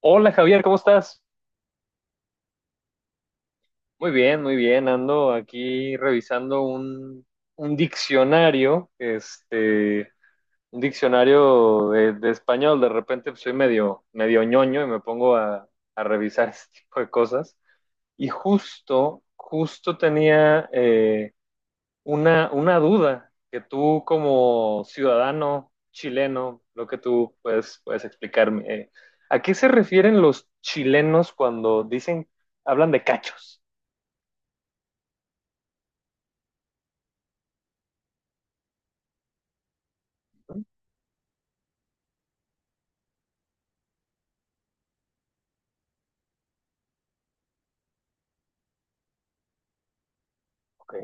Hola Javier, ¿cómo estás? Muy bien, muy bien. Ando aquí revisando un diccionario, este, un diccionario de español. De repente pues, soy medio ñoño y me pongo a revisar este tipo de cosas. Y justo, justo tenía una duda que tú como ciudadano chileno, lo que tú puedes, puedes explicarme, ¿a qué se refieren los chilenos cuando dicen, hablan de cachos? Ok,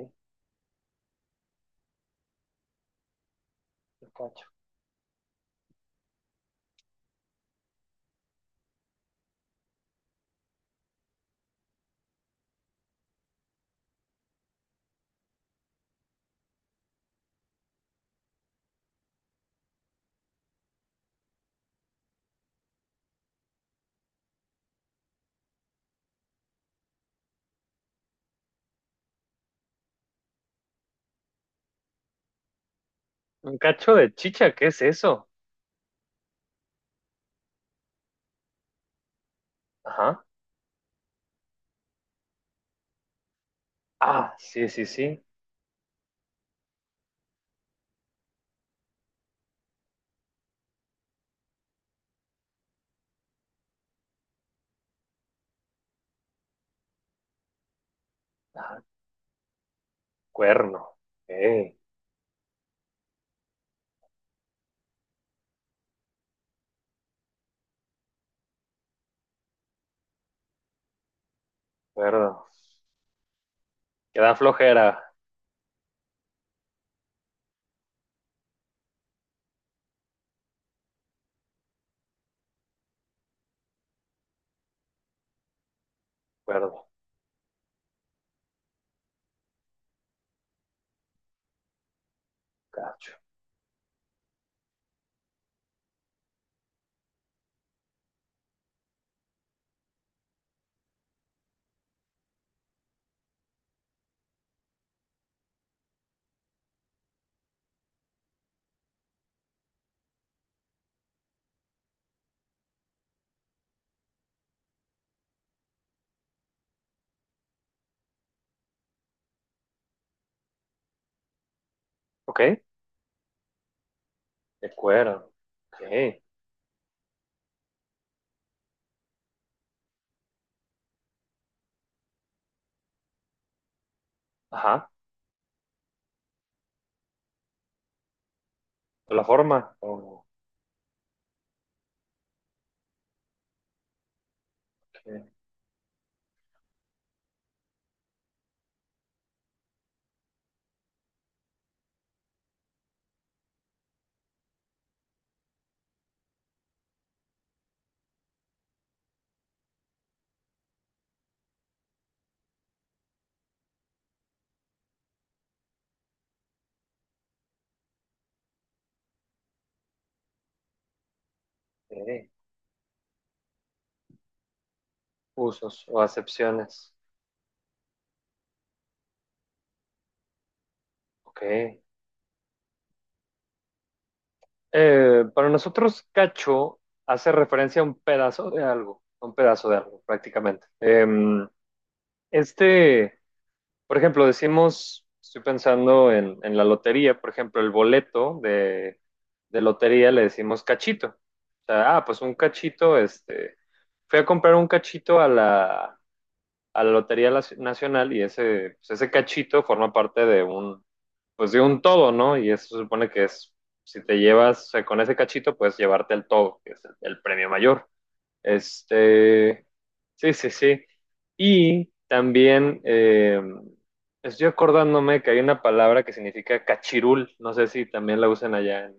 el cacho. Un cacho de chicha, ¿qué es eso? Ajá. Ah, sí, sí, sí. Ah, cuerno. Ok, cuerno. Queda flojera. Cuerno. Cacho. Ok, de cuerno. Ok. Ajá. La forma. Ok. Ok. Usos o acepciones. Ok. Para nosotros, cacho hace referencia a un pedazo de algo, a un pedazo de algo, prácticamente. Em, este, por ejemplo, decimos, estoy pensando en la lotería, por ejemplo, el boleto de lotería le decimos cachito. O sea, ah, pues un cachito, este, fui a comprar un cachito a la Lotería Nacional y ese, pues ese cachito forma parte de un, pues de un todo, ¿no? Y eso se supone que es, si te llevas, o sea, con ese cachito puedes llevarte el todo, que es el premio mayor. Este, sí, sí, sí. Y también estoy acordándome que hay una palabra que significa cachirul, no sé si también la usan allá en...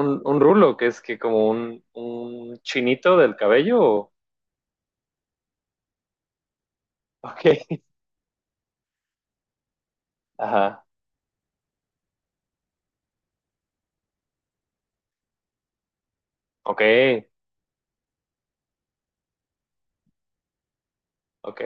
Un rulo, que es que como un chinito del cabello. O- Ok, ajá, ok, ok.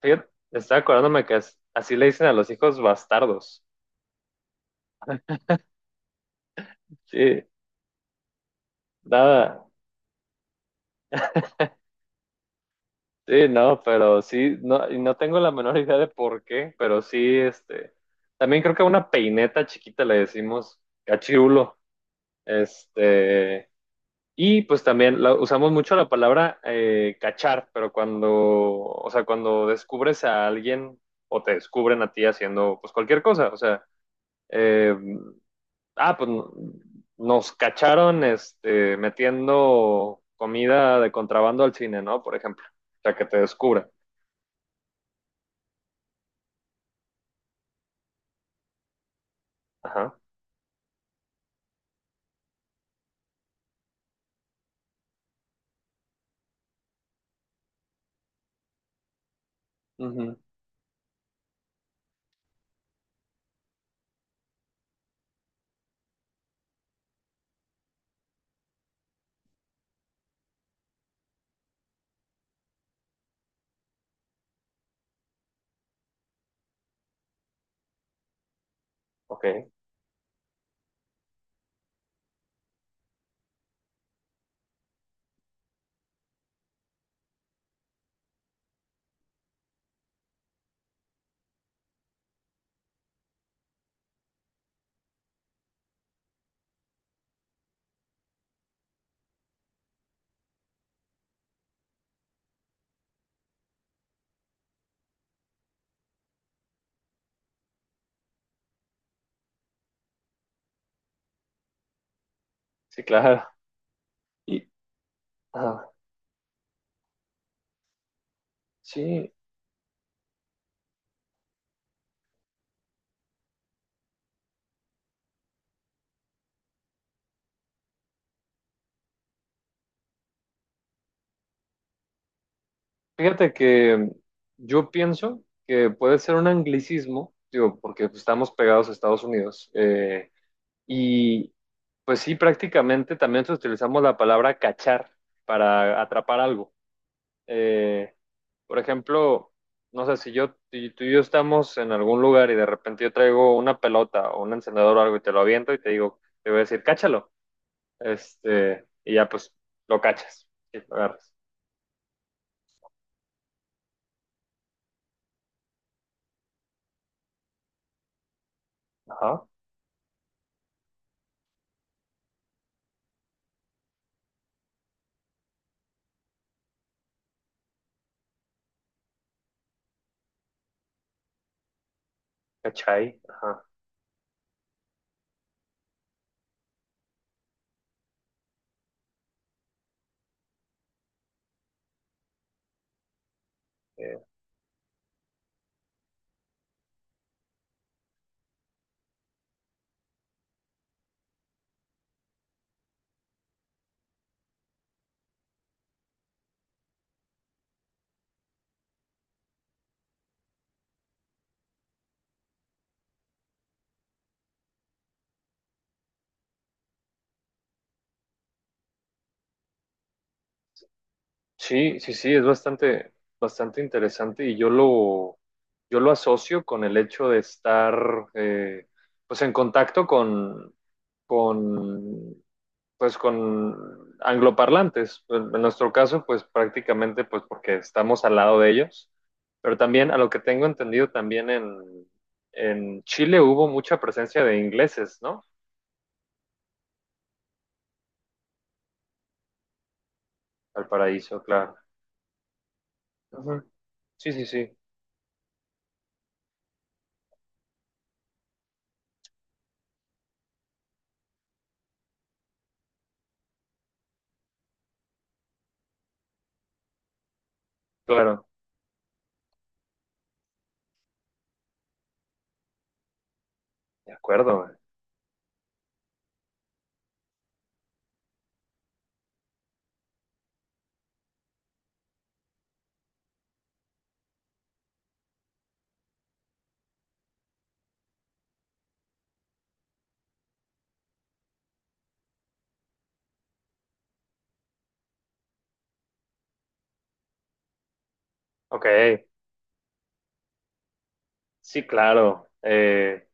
Fíjate, estaba acordándome que as- así le dicen a los hijos bastardos. Sí, nada. Sí, no, pero sí, no, y no tengo la menor idea de por qué, pero sí, este. También creo que a una peineta chiquita le decimos cachirulo. Este. Y pues también la- usamos mucho la palabra cachar, pero cuando, o sea, cuando descubres a alguien o te descubren a ti haciendo pues cualquier cosa, o sea. eh, ah, pues no- nos cacharon este, metiendo comida de contrabando al cine, ¿no? Por ejemplo, o sea, que te descubra. Ajá. Ujú. Ok, sí, claro. Y, ah, sí, fíjate que yo pienso que puede ser un anglicismo, digo, porque pues, estamos pegados a Estados Unidos. Y pues sí, prácticamente también utilizamos la palabra cachar para atrapar algo. Eh, Por ejemplo, no sé, si yo, si tú y yo estamos en algún lugar y de repente yo traigo una pelota o un encendedor o algo y te lo aviento y te digo, te voy a decir, cáchalo. Este, y ya pues lo cachas, sí, lo agarras. Ajá, cachai, ajá. eh, sí, sí, sí, es bastante, bastante interesante y yo lo asocio con el hecho de estar, pues en contacto con pues con angloparlantes. En nuestro caso, pues prácticamente pues porque estamos al lado de ellos. Pero también, a lo que tengo entendido, también en Chile hubo mucha presencia de ingleses, ¿no? Al paraíso, claro. Ujú. Sí, sí, sí, claro. De acuerdo, güey. Ok, sí, claro.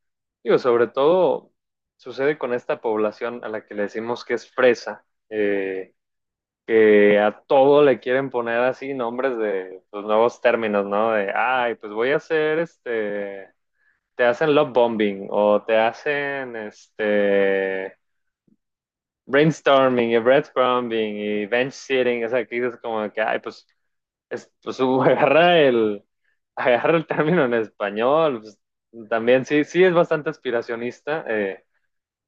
Digo, sobre todo sucede con esta población a la que le decimos que es fresa. Que a todo le quieren poner así nombres de los nuevos términos, ¿no? De, ay, pues voy a hacer este, te hacen love bombing o te hacen este brainstorming y breadcrumbing y bench sitting, o sea, que dices como que, ay, pues, es, pues agarra agarra el término en español, pues, también sí, sí es bastante aspiracionista,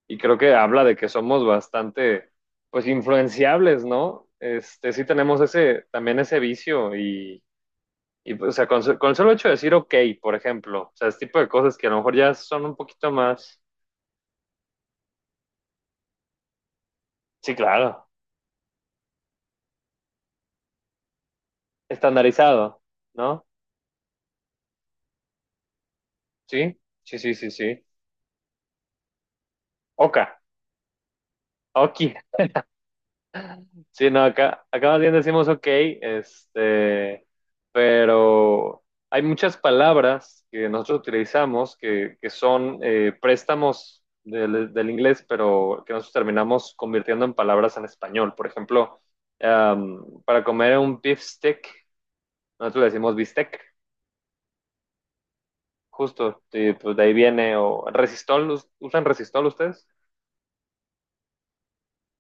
y creo que habla de que somos bastante, pues, influenciables, ¿no? Este, sí tenemos ese, también ese vicio y pues, o sea, con el solo hecho de decir ok, por ejemplo, o sea, ese tipo de cosas que a lo mejor ya son un poquito más, sí, claro, estandarizado, ¿no? Sí, sí, sí, sí, sí. Oka, ok, sí, no, acá, acá más bien decimos ok, este, pero hay muchas palabras que nosotros utilizamos que son préstamos del inglés, pero que nosotros terminamos convirtiendo en palabras en español. Por ejemplo, um, para comer un beef stick, nosotros le decimos bistec, justo, y pues de ahí viene, o resistol, ¿us- ¿usan resistol ustedes?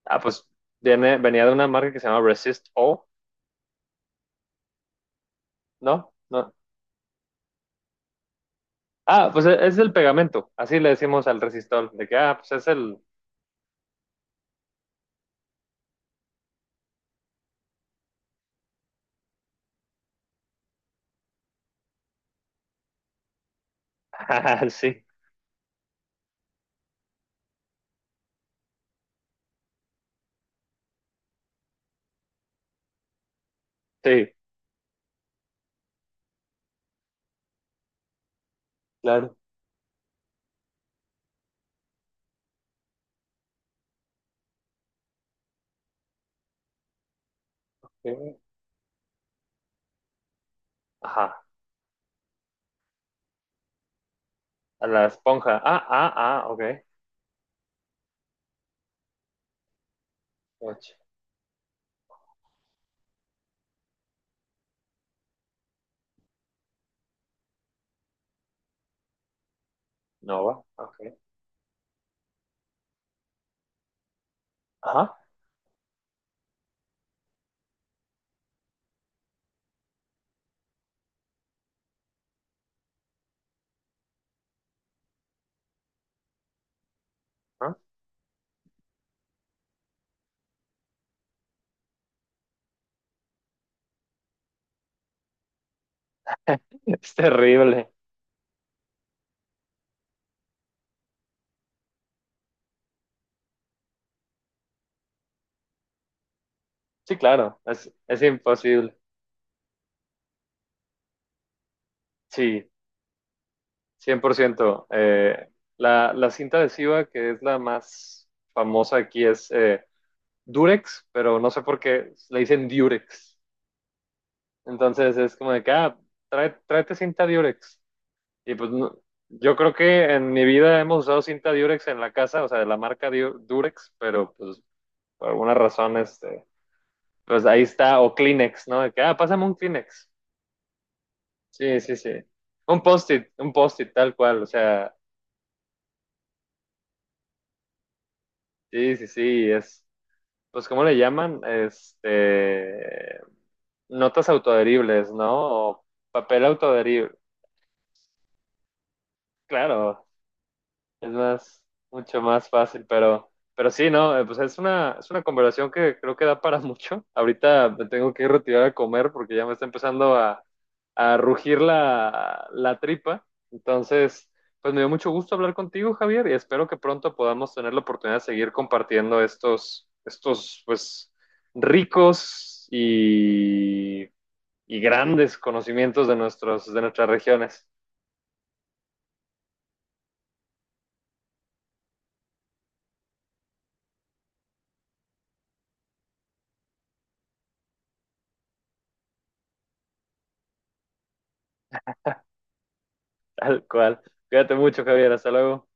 Ah, pues viene, venía de una marca que se llama Resist O, ¿no? No, ah, pues e- es el pegamento, así le decimos al resistol, de que, ah, pues es el... Ah, sí, sí, claro. Sí. Ajá, a la esponja. Ah, ah, ah, ok. Och, no va, ok. Ajá, ah. Es terrible. Sí, claro, es imposible. Sí, 100%. La cinta adhesiva, que es la más famosa aquí, es Durex, pero no sé por qué le dicen Durex. Entonces es como de que, ah, trae- tráete cinta Durex. Y pues no- yo creo que en mi vida hemos usado cinta Durex en la casa, o sea, de la marca Du- Durex, pero pues por alguna razón, este, pues ahí está, o Kleenex, ¿no? De que, ah, pásame un Kleenex. Sí, sí, sí. Un post-it tal cual, o sea, sí, sí, sí, es, pues, ¿cómo le llaman? Este, notas autoadheribles, ¿no? O papel autoadherible. Claro, es más, mucho más fácil, pero sí, ¿no? Pues es una conversación que creo que da para mucho. Ahorita me tengo que ir retirar a comer porque ya me está empezando a rugir la, la tripa. Entonces, pues me dio mucho gusto hablar contigo, Javier, y espero que pronto podamos tener la oportunidad de seguir compartiendo estos, estos, pues, ricos y grandes conocimientos de nuestros, de nuestras regiones. Tal cual. Cuídate mucho, Javier. Hasta luego.